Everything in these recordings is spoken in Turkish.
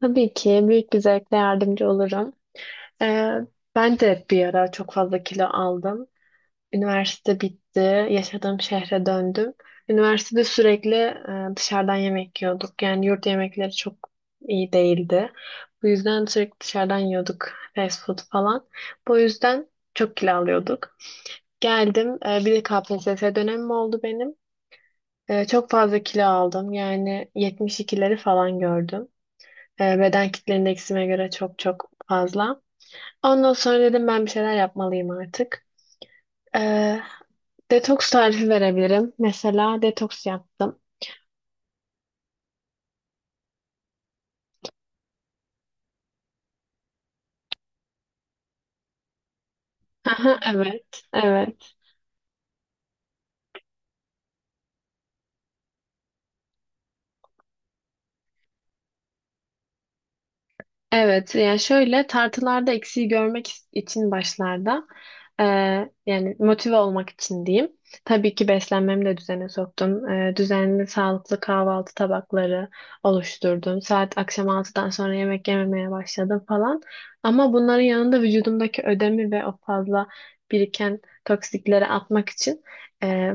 Tabii ki büyük bir zevkle yardımcı olurum. Ee, Ben de bir ara çok fazla kilo aldım. Üniversite bitti, yaşadığım şehre döndüm. Üniversitede sürekli dışarıdan yemek yiyorduk. Yani yurt yemekleri çok iyi değildi. Bu yüzden sürekli dışarıdan yiyorduk, fast food falan. Bu yüzden çok kilo alıyorduk. Geldim, bir de KPSS dönemim oldu benim. Çok fazla kilo aldım. Yani 72'leri falan gördüm. Beden kitle indeksime göre çok çok fazla. Ondan sonra dedim ben bir şeyler yapmalıyım artık. E, Detoks tarifi verebilirim. Mesela detoks yaptım. Aha, evet, evet. Evet, yani şöyle tartılarda eksiği görmek için başlarda, e, yani motive olmak için diyeyim. Tabii ki beslenmemi de düzene soktum. Düzenli sağlıklı kahvaltı tabakları oluşturdum. Saat akşam 6'dan sonra yemek yememeye başladım falan. Ama bunların yanında vücudumdaki ödemi ve o fazla biriken toksikleri atmak için, e,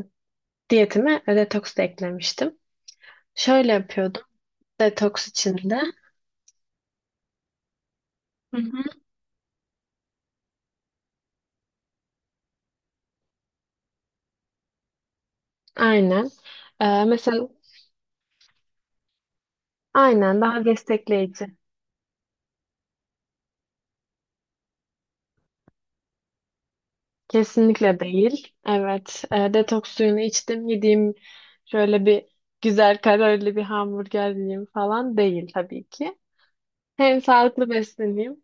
diyetime detoks da eklemiştim. Şöyle yapıyordum detoks içinde. Hı hı. Aynen. Mesela. Aynen, daha destekleyici. Kesinlikle değil. Evet. Detoks suyunu içtim. Yediğim şöyle bir güzel kalorili bir hamburger yiyeyim falan değil tabii ki. Hem sağlıklı besleneyim.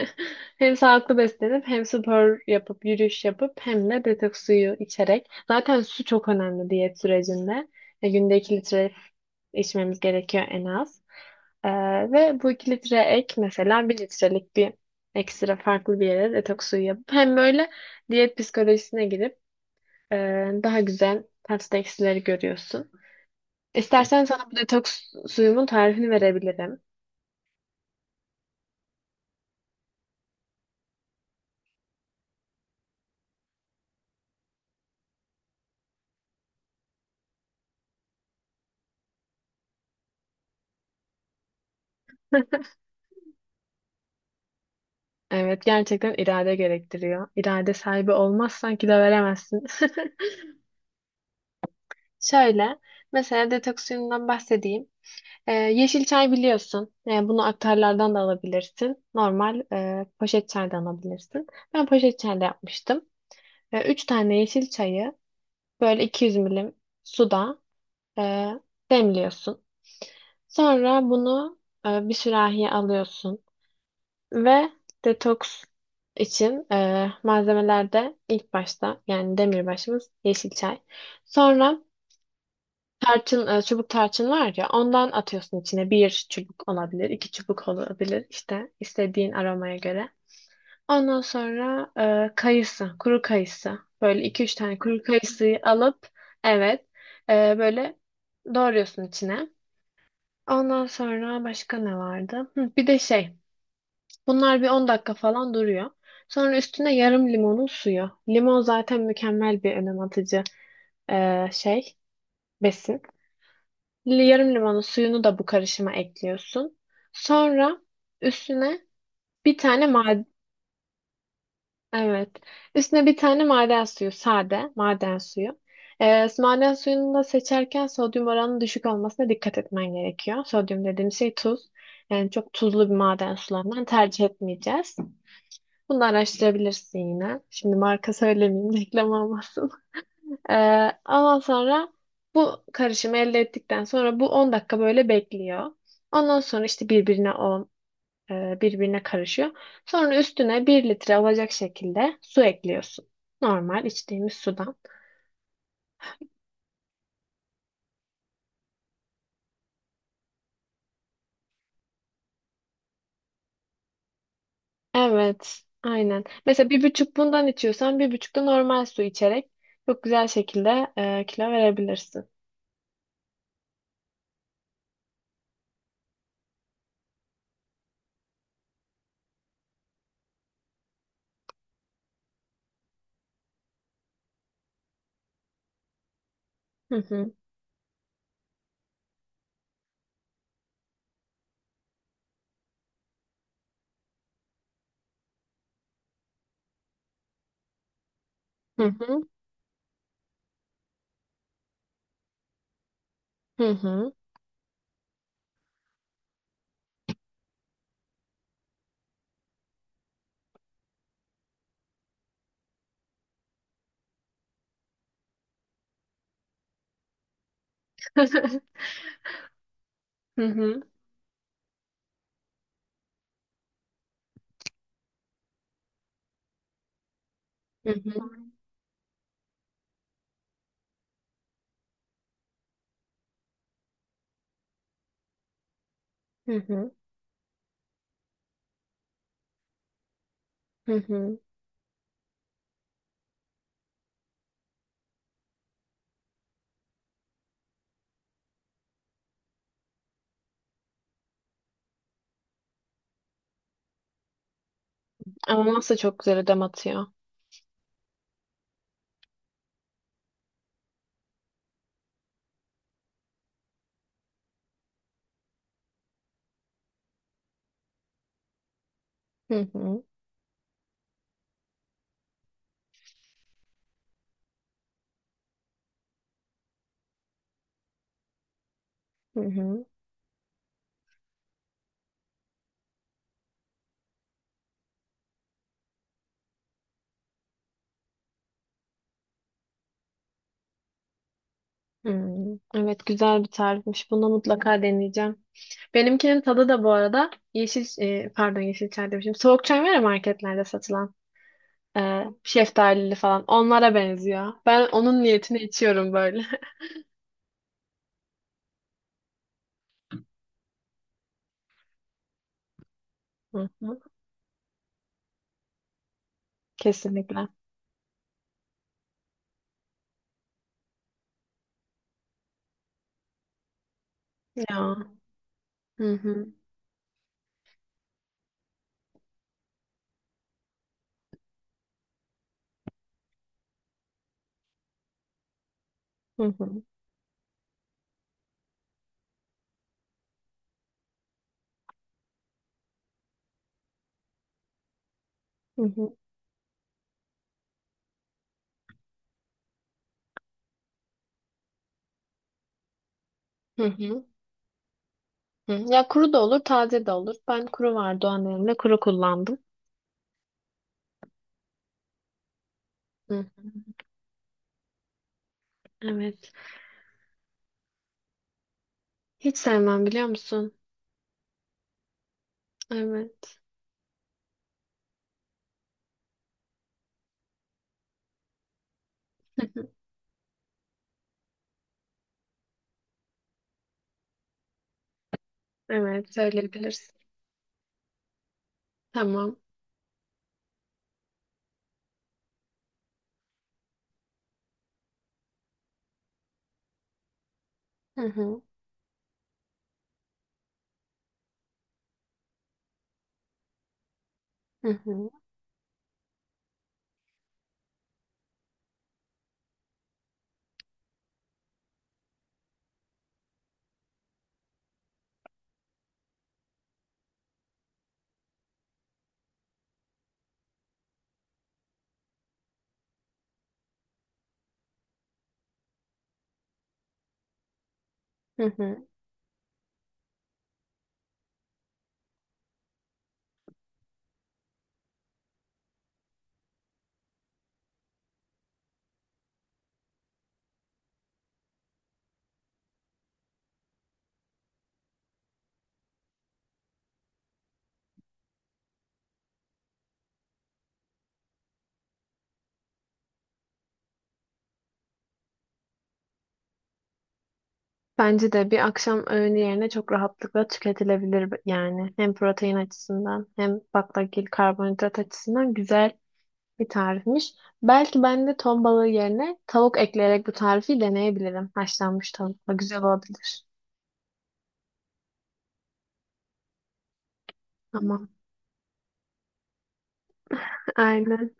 Hem sağlıklı beslenip hem spor yapıp yürüyüş yapıp hem de detoks suyu içerek. Zaten su çok önemli diyet sürecinde. Günde 2 litre içmemiz gerekiyor en az. Ee, Ve bu 2 litre ek, mesela 1 litrelik bir ekstra farklı bir yere detoks suyu yapıp hem böyle diyet psikolojisine girip, e, daha güzel tatlı eksileri görüyorsun. İstersen sana bu detoks suyumun tarifini verebilirim. Evet, gerçekten irade gerektiriyor. İrade sahibi olmazsan kilo veremezsin. Şöyle, mesela detoks suyundan bahsedeyim. Yeşil çay biliyorsun. Bunu aktarlardan da alabilirsin. Normal poşet çaydan alabilirsin. Ben poşet çayda yapmıştım. Üç tane yeşil çayı böyle 200 milim suda e, demliyorsun. Sonra bunu bir sürahiye alıyorsun. Ve detoks için malzemelerde ilk başta yani demirbaşımız yeşil çay. Sonra tarçın, çubuk tarçın var ya, ondan atıyorsun içine. Bir çubuk olabilir, iki çubuk olabilir, işte istediğin aromaya göre. Ondan sonra kayısı, kuru kayısı. Böyle iki üç tane kuru kayısıyı alıp, evet, böyle doğruyorsun içine. Ondan sonra başka ne vardı? Hı, bir de şey. Bunlar bir 10 dakika falan duruyor. Sonra üstüne yarım limonun suyu. Limon zaten mükemmel bir önem atıcı eee, şey, besin. Yarım limonun suyunu da bu karışıma ekliyorsun. Sonra üstüne bir tane maden, evet. Üstüne bir tane maden suyu, sade maden suyu. Maden suyunu da seçerken sodyum oranının düşük olmasına dikkat etmen gerekiyor. Sodyum dediğim şey tuz. Yani çok tuzlu bir maden sularından tercih etmeyeceğiz. Bunu da araştırabilirsin yine. Şimdi marka söylemeyeyim, reklam olmasın. Ee, Ondan sonra bu karışımı elde ettikten sonra bu 10 dakika böyle bekliyor. Ondan sonra işte birbirine birbirine karışıyor. Sonra üstüne 1 litre olacak şekilde su ekliyorsun. Normal içtiğimiz sudan. Evet, aynen. Mesela bir buçuk bundan içiyorsan, bir buçuk da normal su içerek çok güzel şekilde kilo verebilirsin. Hı hı. Hı hı. Hı hı. Hı hı. Hı hı. Hı hı. Hı hı. Ama nasıl çok güzel ödem atıyor. Hı hı. Hı hı. Hmm. Evet, güzel bir tarifmiş. Bunu mutlaka deneyeceğim. Benimkinin tadı da bu arada yeşil, pardon, yeşil çay demişim. Soğuk çay var ya marketlerde satılan, şeftalili falan. Onlara benziyor. Ben onun niyetini içiyorum böyle. Hı hı. Kesinlikle. Ya. Hı hı. Hı hı. Hı hı. Hı hı. Hı. Ya kuru da olur, taze de olur. Ben kuru vardı, o annemle kuru kullandım. Hı. Evet. Hiç sevmem, biliyor musun? Evet. Evet, söyleyebilirsin. Tamam. Hı hı, hı hı, hı hı. Bence de bir akşam öğünü yerine çok rahatlıkla tüketilebilir yani. Hem protein açısından hem baklagil karbonhidrat açısından güzel bir tarifmiş. Belki ben de ton balığı yerine tavuk ekleyerek bu tarifi deneyebilirim. Haşlanmış tavukla güzel olabilir. Tamam. Aynen.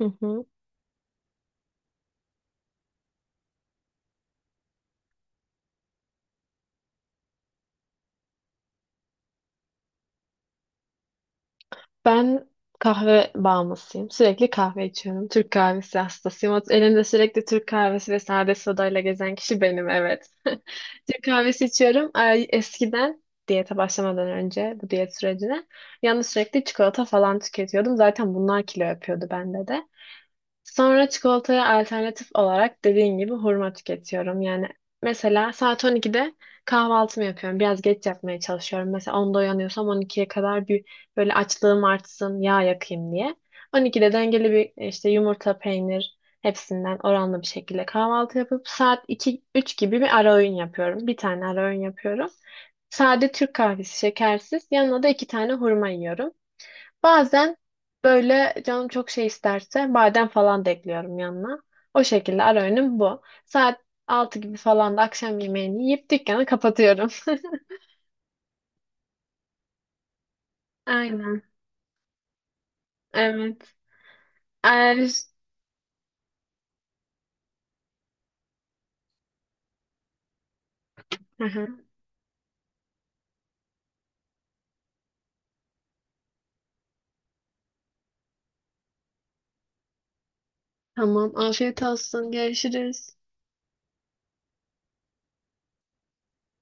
Hı hı. Ben kahve bağımlısıyım. Sürekli kahve içiyorum. Türk kahvesi hastasıyım. Elimde sürekli Türk kahvesi ve sade sodayla gezen kişi benim, evet. Türk kahvesi içiyorum. Ay, eskiden diyete başlamadan önce, bu diyet sürecine yalnız, sürekli çikolata falan tüketiyordum. Zaten bunlar kilo yapıyordu bende de. Sonra çikolataya alternatif olarak dediğin gibi hurma tüketiyorum. Yani mesela saat 12'de kahvaltımı yapıyorum. Biraz geç yapmaya çalışıyorum. Mesela 10'da uyanıyorsam 12'ye kadar bir, böyle açlığım artsın, yağ yakayım diye. 12'de dengeli bir işte yumurta, peynir, hepsinden oranlı bir şekilde kahvaltı yapıp saat iki üç gibi bir ara öğün yapıyorum. Bir tane ara öğün yapıyorum. Sade Türk kahvesi, şekersiz. Yanına da iki tane hurma yiyorum. Bazen böyle canım çok şey isterse badem falan da ekliyorum yanına. O şekilde ara öğünüm bu. Saat 6 gibi falan da akşam yemeğini yiyip dükkanı kapatıyorum. Aynen. Evet. Er... Hı hı. Tamam. Afiyet olsun. Görüşürüz.